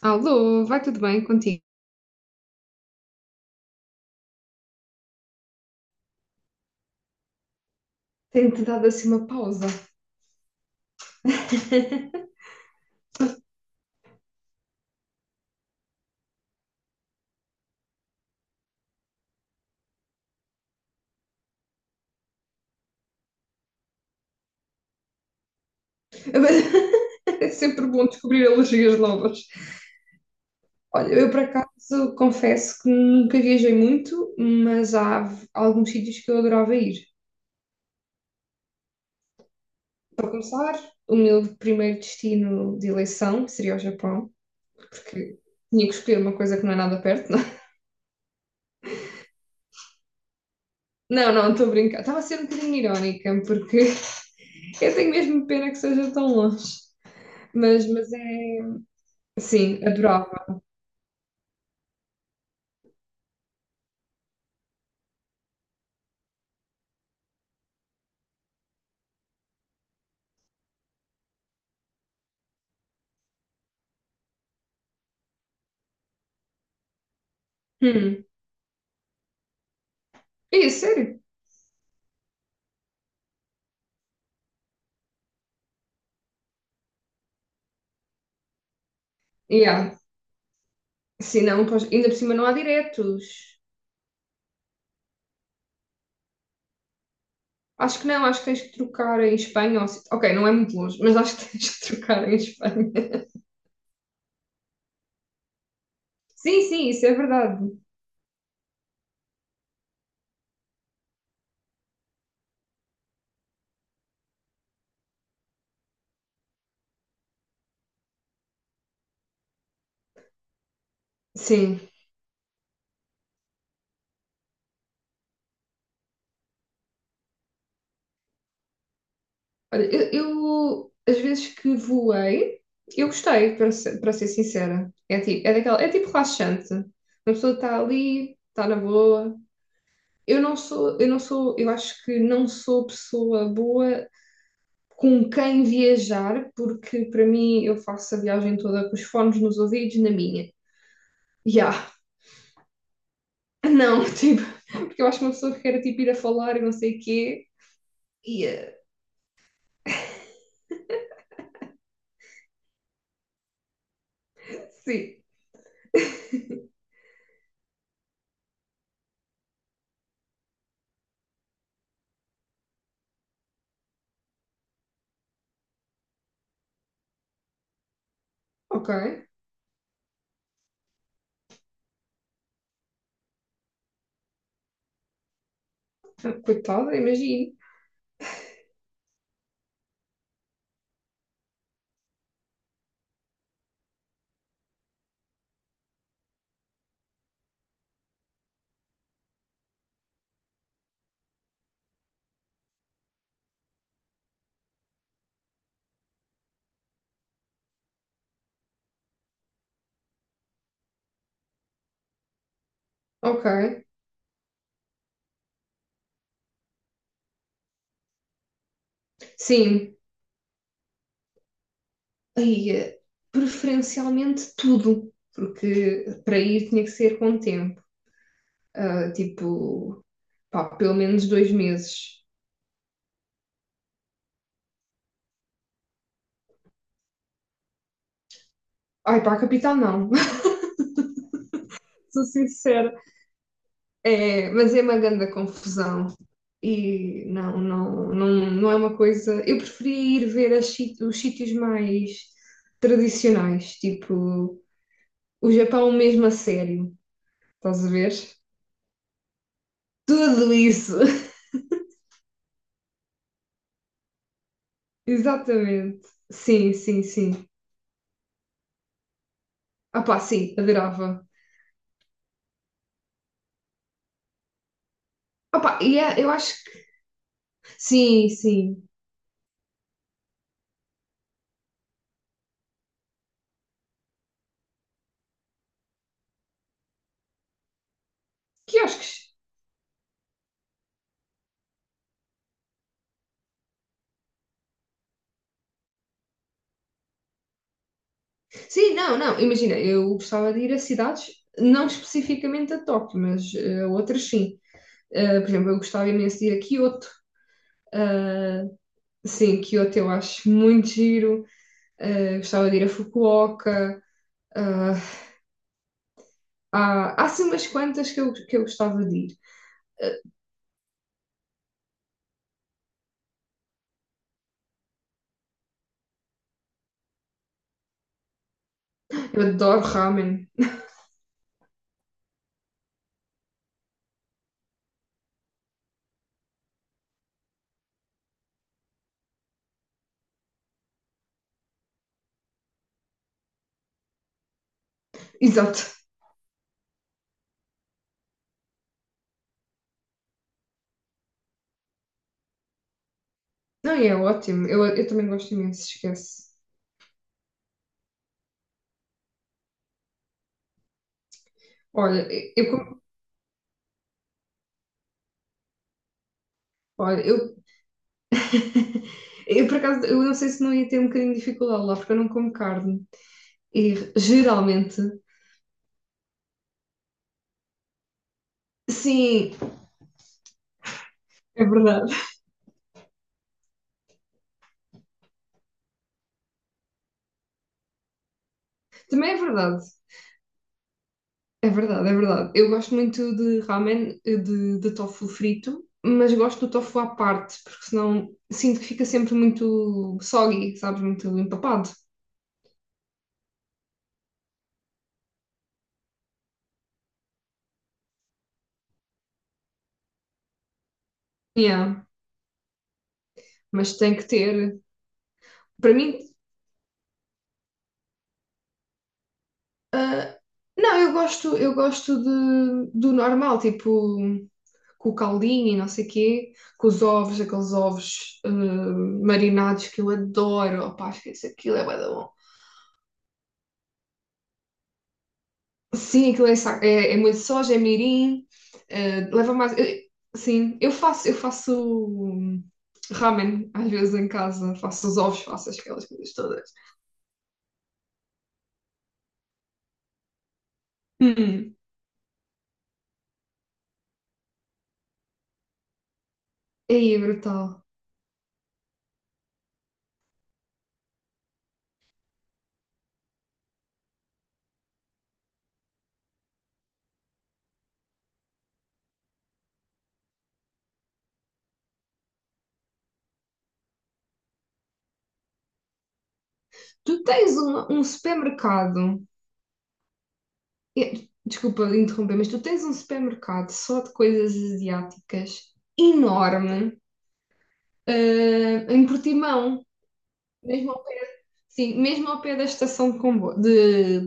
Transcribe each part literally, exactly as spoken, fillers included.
Alô, vai tudo bem contigo? Tenho-te dado assim uma pausa. É sempre bom descobrir alergias novas. Olha, eu por acaso confesso que nunca viajei muito, mas há alguns sítios que eu adorava ir. Para começar, o meu primeiro destino de eleição seria o Japão, porque tinha que escolher uma coisa que não é nada perto, não é? Não, não, estou a brincar. Estava a ser um bocadinho irónica, porque eu tenho mesmo pena que seja tão longe. Mas, mas é. Sim, adorava. Hum. É sério? Yeah. Se não, pois- ainda por cima não há diretos. Acho que não, acho que tens que trocar em Espanha. Ou se- Ok, não é muito longe, mas acho que tens que trocar em Espanha. Sim, sim, isso é verdade. Sim. Olha, eu, eu, às vezes que voei, eu gostei, para ser, para ser sincera. É tipo, é daquela, é tipo relaxante. Uma pessoa está ali, está na boa. Eu não sou, eu não sou, eu acho que não sou pessoa boa com quem viajar, porque para mim eu faço a viagem toda com os fones nos ouvidos, na minha. Ya, não, tipo, porque eu acho que uma pessoa que quer tipo, ir a falar e não sei o quê, ia, sim, ok, coitada, imagino, ok, sim, ia, preferencialmente tudo, porque para ir tinha que ser com tempo, ah, tipo, pá, pelo menos dois meses. Ai, para a capital não, sou sincera, é, mas é uma grande confusão. E não, não, não, não é uma coisa. Eu preferia ir ver as sit- os sítios mais tradicionais, tipo o Japão mesmo a sério, estás a ver? Tudo isso! Exatamente. Sim, sim, sim. Ah pá, sim, adorava. Ah pá, e é- eu acho que. Sim, sim. Quiosques. Sim, não, não. Imagina, eu gostava de ir a cidades, não especificamente a Tóquio, mas eh, a outras sim. Eh, por exemplo, eu gostava imenso de ir a Kyoto. eh, Sim, Kyoto eu acho muito giro. Uh, gostava de ir a Fukuoka. Uh, há, há assim umas quantas que eu, que eu gostava de ir. Uh, eu adoro ramen. Exato. Não, e é ótimo. Eu, eu também gosto imenso, esquece. Olha, eu, como- olha, eu, eu por acaso, eu não sei se não ia ter um bocadinho de dificuldade lá, porque eu não como carne. E geralmente, sim, é verdade. Também é verdade. É verdade, é verdade. Eu gosto muito de ramen, eh, de, de tofu frito, mas gosto do tofu à parte, porque senão sinto que fica sempre muito soggy, sabes? Muito empapado. Yeah, mas tem que ter. Para mim, ah, não, eu gosto, eu gosto de, do normal, tipo com o caldinho e não sei quê, com os ovos, aqueles ovos ah, marinados que eu adoro. Opá, esquece aquilo, é bué da bom. Sim, aquilo é, sa- é, é muito soja, é mirim, eh, leva mais. eh, sim, eu faço, eu faço hum, ramen às vezes em casa, faço os ovos, faço aquelas coisas todas. Hum, aí é brutal. Tu tens um, um supermercado, eh, desculpa interromper, mas tu tens um supermercado só de coisas asiáticas enorme, eh, em Portimão, mesmo ao, sim, mesmo ao pé da estação de comboio, de,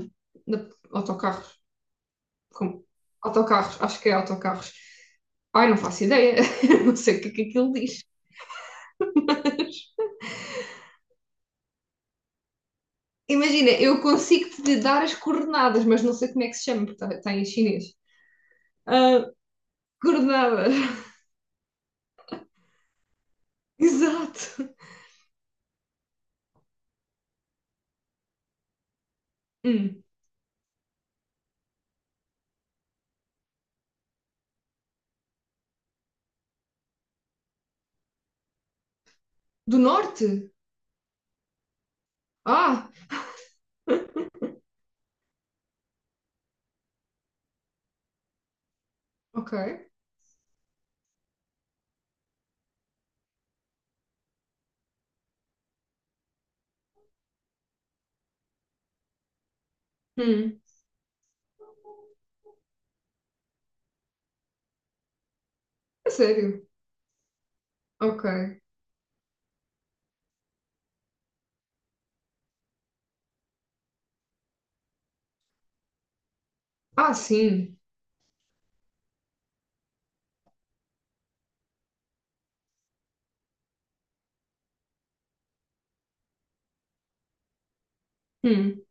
de autocarros. Como autocarros, acho que é autocarros. Ai, não faço ideia, não sei o que é que aquilo diz. Imagina, eu consigo te dar as coordenadas, mas não sei como é que se chama, porque está está em chinês. Ah, coordenadas, exato. Hum. Do norte? Ah, ok. Hum. A sério? Ok. Ah, sim. Hum.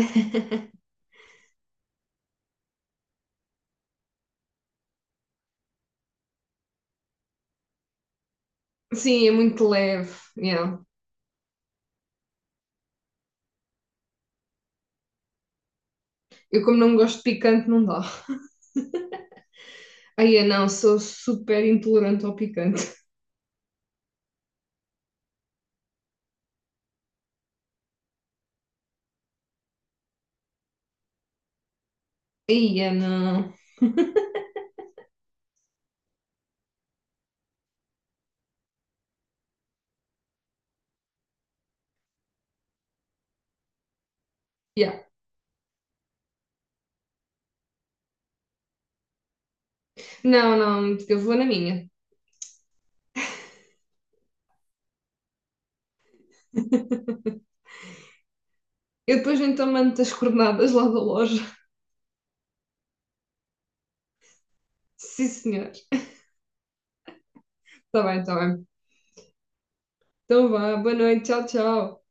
Sim, é muito leve. Yeah. Eu, como não gosto de picante, não dá. Ai, é não, sou super intolerante ao picante. Ai, é não. Yeah. Não, não, eu vou na minha. Eu depois então mando as coordenadas lá da loja. Sim, senhor. Está bem, está bem. Então vá, boa noite, tchau, tchau.